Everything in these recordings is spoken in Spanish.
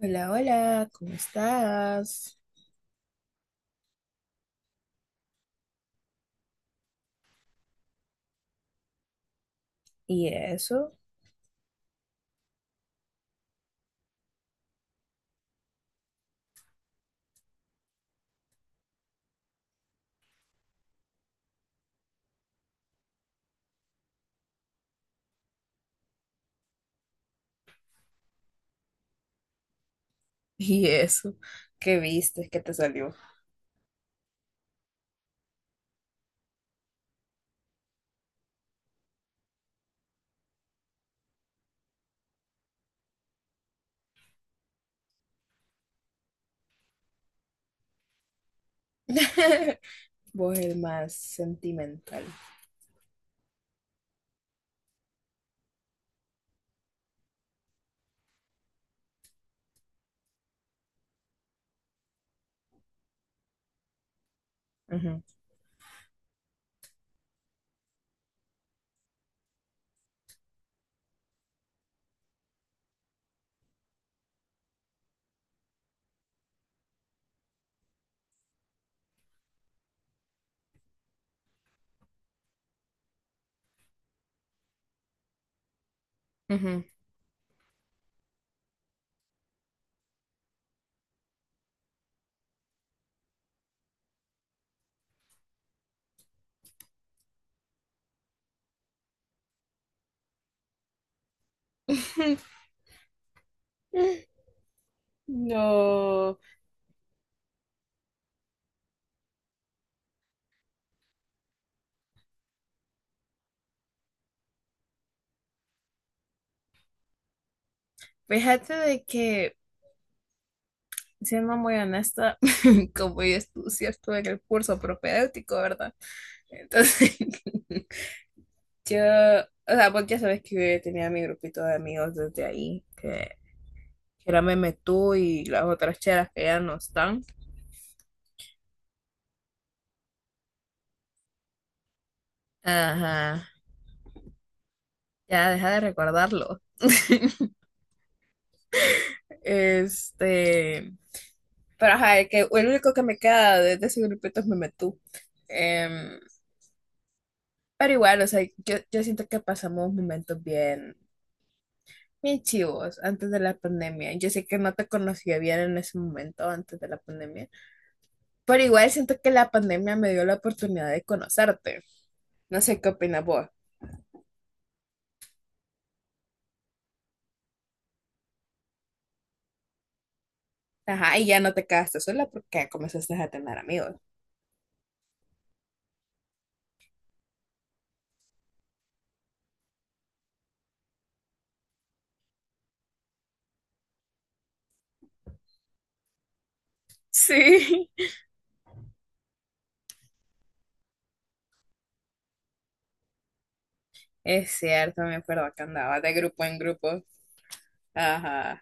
Hola, hola, ¿cómo estás? ¿Y eso? ¿Y eso? ¿Qué viste? ¿Qué te salió? Vos el más sentimental. Ujú, ujú. No, fíjate de que, siendo muy honesta, como sí estuve en el curso propedéutico, ¿verdad? Entonces, o sea, vos ya sabes que yo ya tenía mi grupito de amigos desde ahí, que era Meme Tú y las otras cheras que ya no están. Ajá, ya deja de recordarlo. Este, pero ajá, el único que me queda de ese grupito es Memetú. Em, pero igual, o sea, yo siento que pasamos momentos bien, bien chivos antes de la pandemia. Yo sé que no te conocía bien en ese momento antes de la pandemia, pero igual siento que la pandemia me dio la oportunidad de conocerte. No sé qué opinas vos. Ajá, y ya no te quedaste sola porque comenzaste a tener amigos. Sí, es cierto, me acuerdo que andaba de grupo en grupo. Ajá.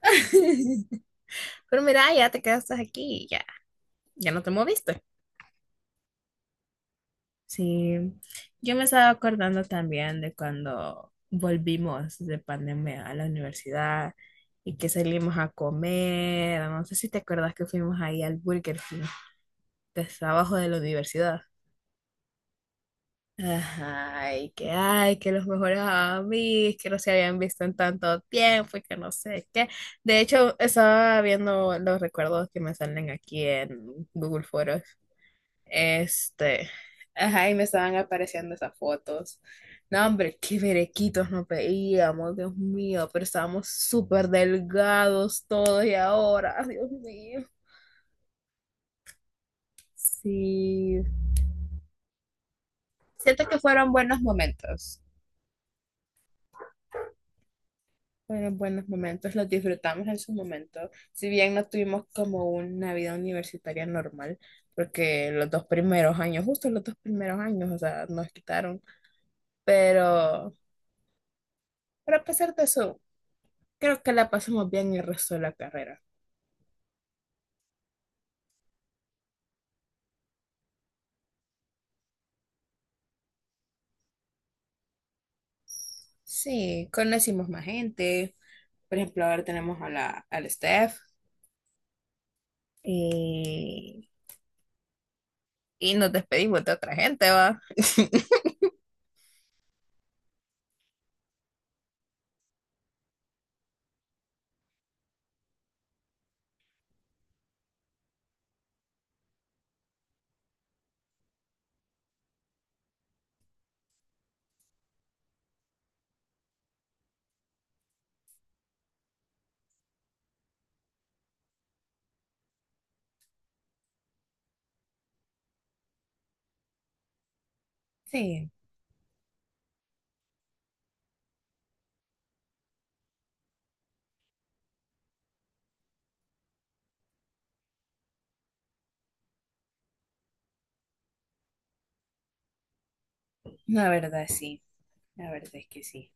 Pero mira, ya te quedaste aquí, ya, ya no te moviste. Sí, yo me estaba acordando también de cuando volvimos de pandemia a la universidad y que salimos a comer. No sé si te acuerdas que fuimos ahí al Burger King, que está abajo de la universidad. Ay, que los mejores amigos, que no se habían visto en tanto tiempo y que no sé qué. De hecho, estaba viendo los recuerdos que me salen aquí en Google Fotos. Este, ajá, y me estaban apareciendo esas fotos. No, hombre, qué berequitos nos veíamos, Dios mío, pero estábamos súper delgados todos y ahora, Dios mío. Sí, siento que fueron buenos momentos. Fueron buenos momentos, los disfrutamos en su momento, si bien no tuvimos como una vida universitaria normal, porque los dos primeros años, justo los dos primeros años, o sea, nos quitaron, pero, pero a pesar de eso, creo que la pasamos bien el resto de la carrera. Sí, conocimos más gente, por ejemplo, ahora tenemos a al Steph y, y nos despedimos de otra gente, ¿va? Sí, sí, la verdad es que sí.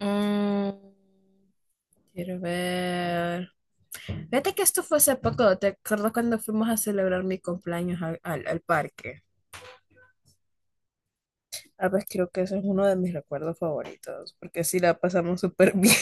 Mm. Quiero ver. Fíjate que esto fue hace poco. ¿Te acuerdas cuando fuimos a celebrar mi cumpleaños al parque? Ah, pues creo que eso es uno de mis recuerdos favoritos, porque sí la pasamos súper bien.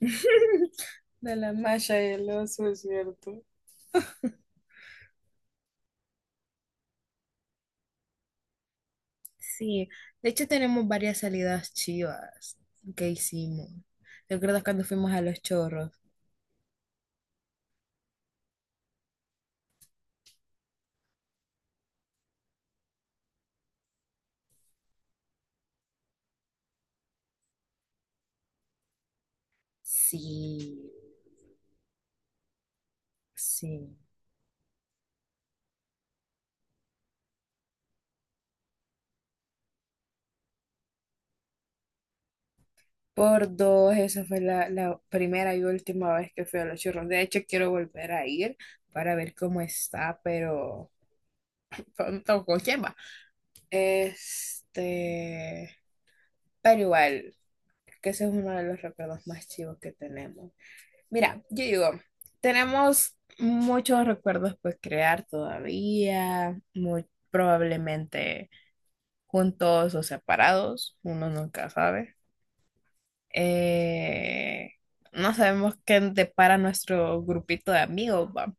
De la malla y el oso, es cierto. Sí, de hecho tenemos varias salidas chivas que hicimos. ¿Te acuerdas cuando fuimos a Los Chorros? Sí. Sí, por dos. Esa fue la primera y última vez que fui a los churros. De hecho, quiero volver a ir para ver cómo está, pero no con quién va. Este, pero igual, que ese es uno de los recuerdos más chivos que tenemos. Mira, yo digo, tenemos muchos recuerdos por crear todavía, muy probablemente juntos o separados, uno nunca sabe. eh, no sabemos qué depara nuestro grupito de amigos, va.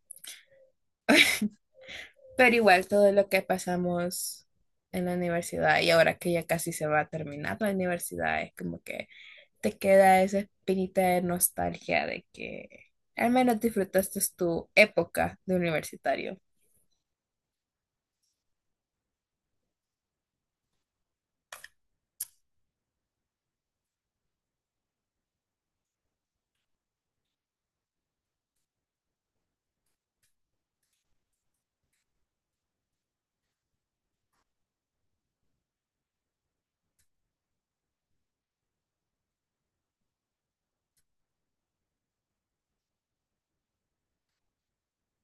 Pero igual todo lo que pasamos en la universidad y ahora que ya casi se va a terminar la universidad, es como que te queda esa espinita de nostalgia de que al menos disfrutaste tu época de universitario.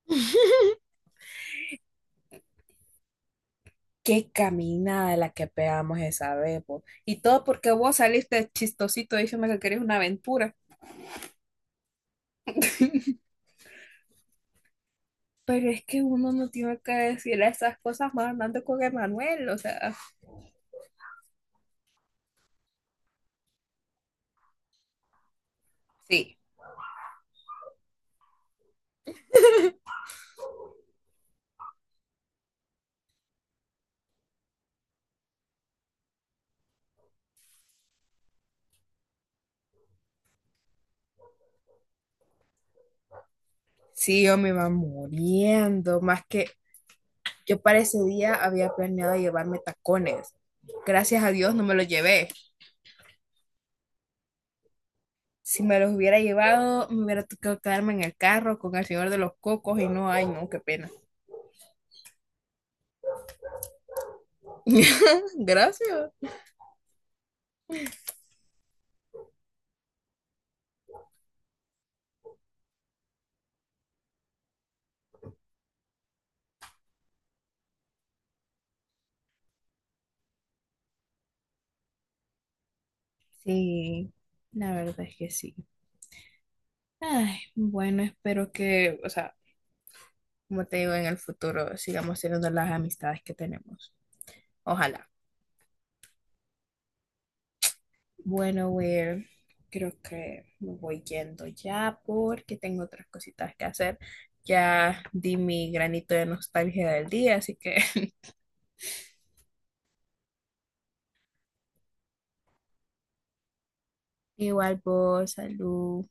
Qué caminada la que pegamos esa vez, po. Y todo porque vos saliste chistosito diciendo que querías una aventura. Pero es que uno no tiene que decirle esas cosas más andando con Emanuel, o sea. Sí, sí, yo me iba muriendo, más que yo para ese día había planeado llevarme tacones. Gracias a Dios no me los llevé. Si me los hubiera llevado, me hubiera tocado quedarme en el carro con el señor de los cocos y no, ay, no, qué pena. Gracias. Sí, la verdad es que sí. Ay, bueno, espero que, o sea, como te digo, en el futuro sigamos teniendo las amistades que tenemos. Ojalá. Bueno, Will, creo que me voy yendo ya porque tengo otras cositas que hacer. Ya di mi granito de nostalgia del día, así que igual vos, salud.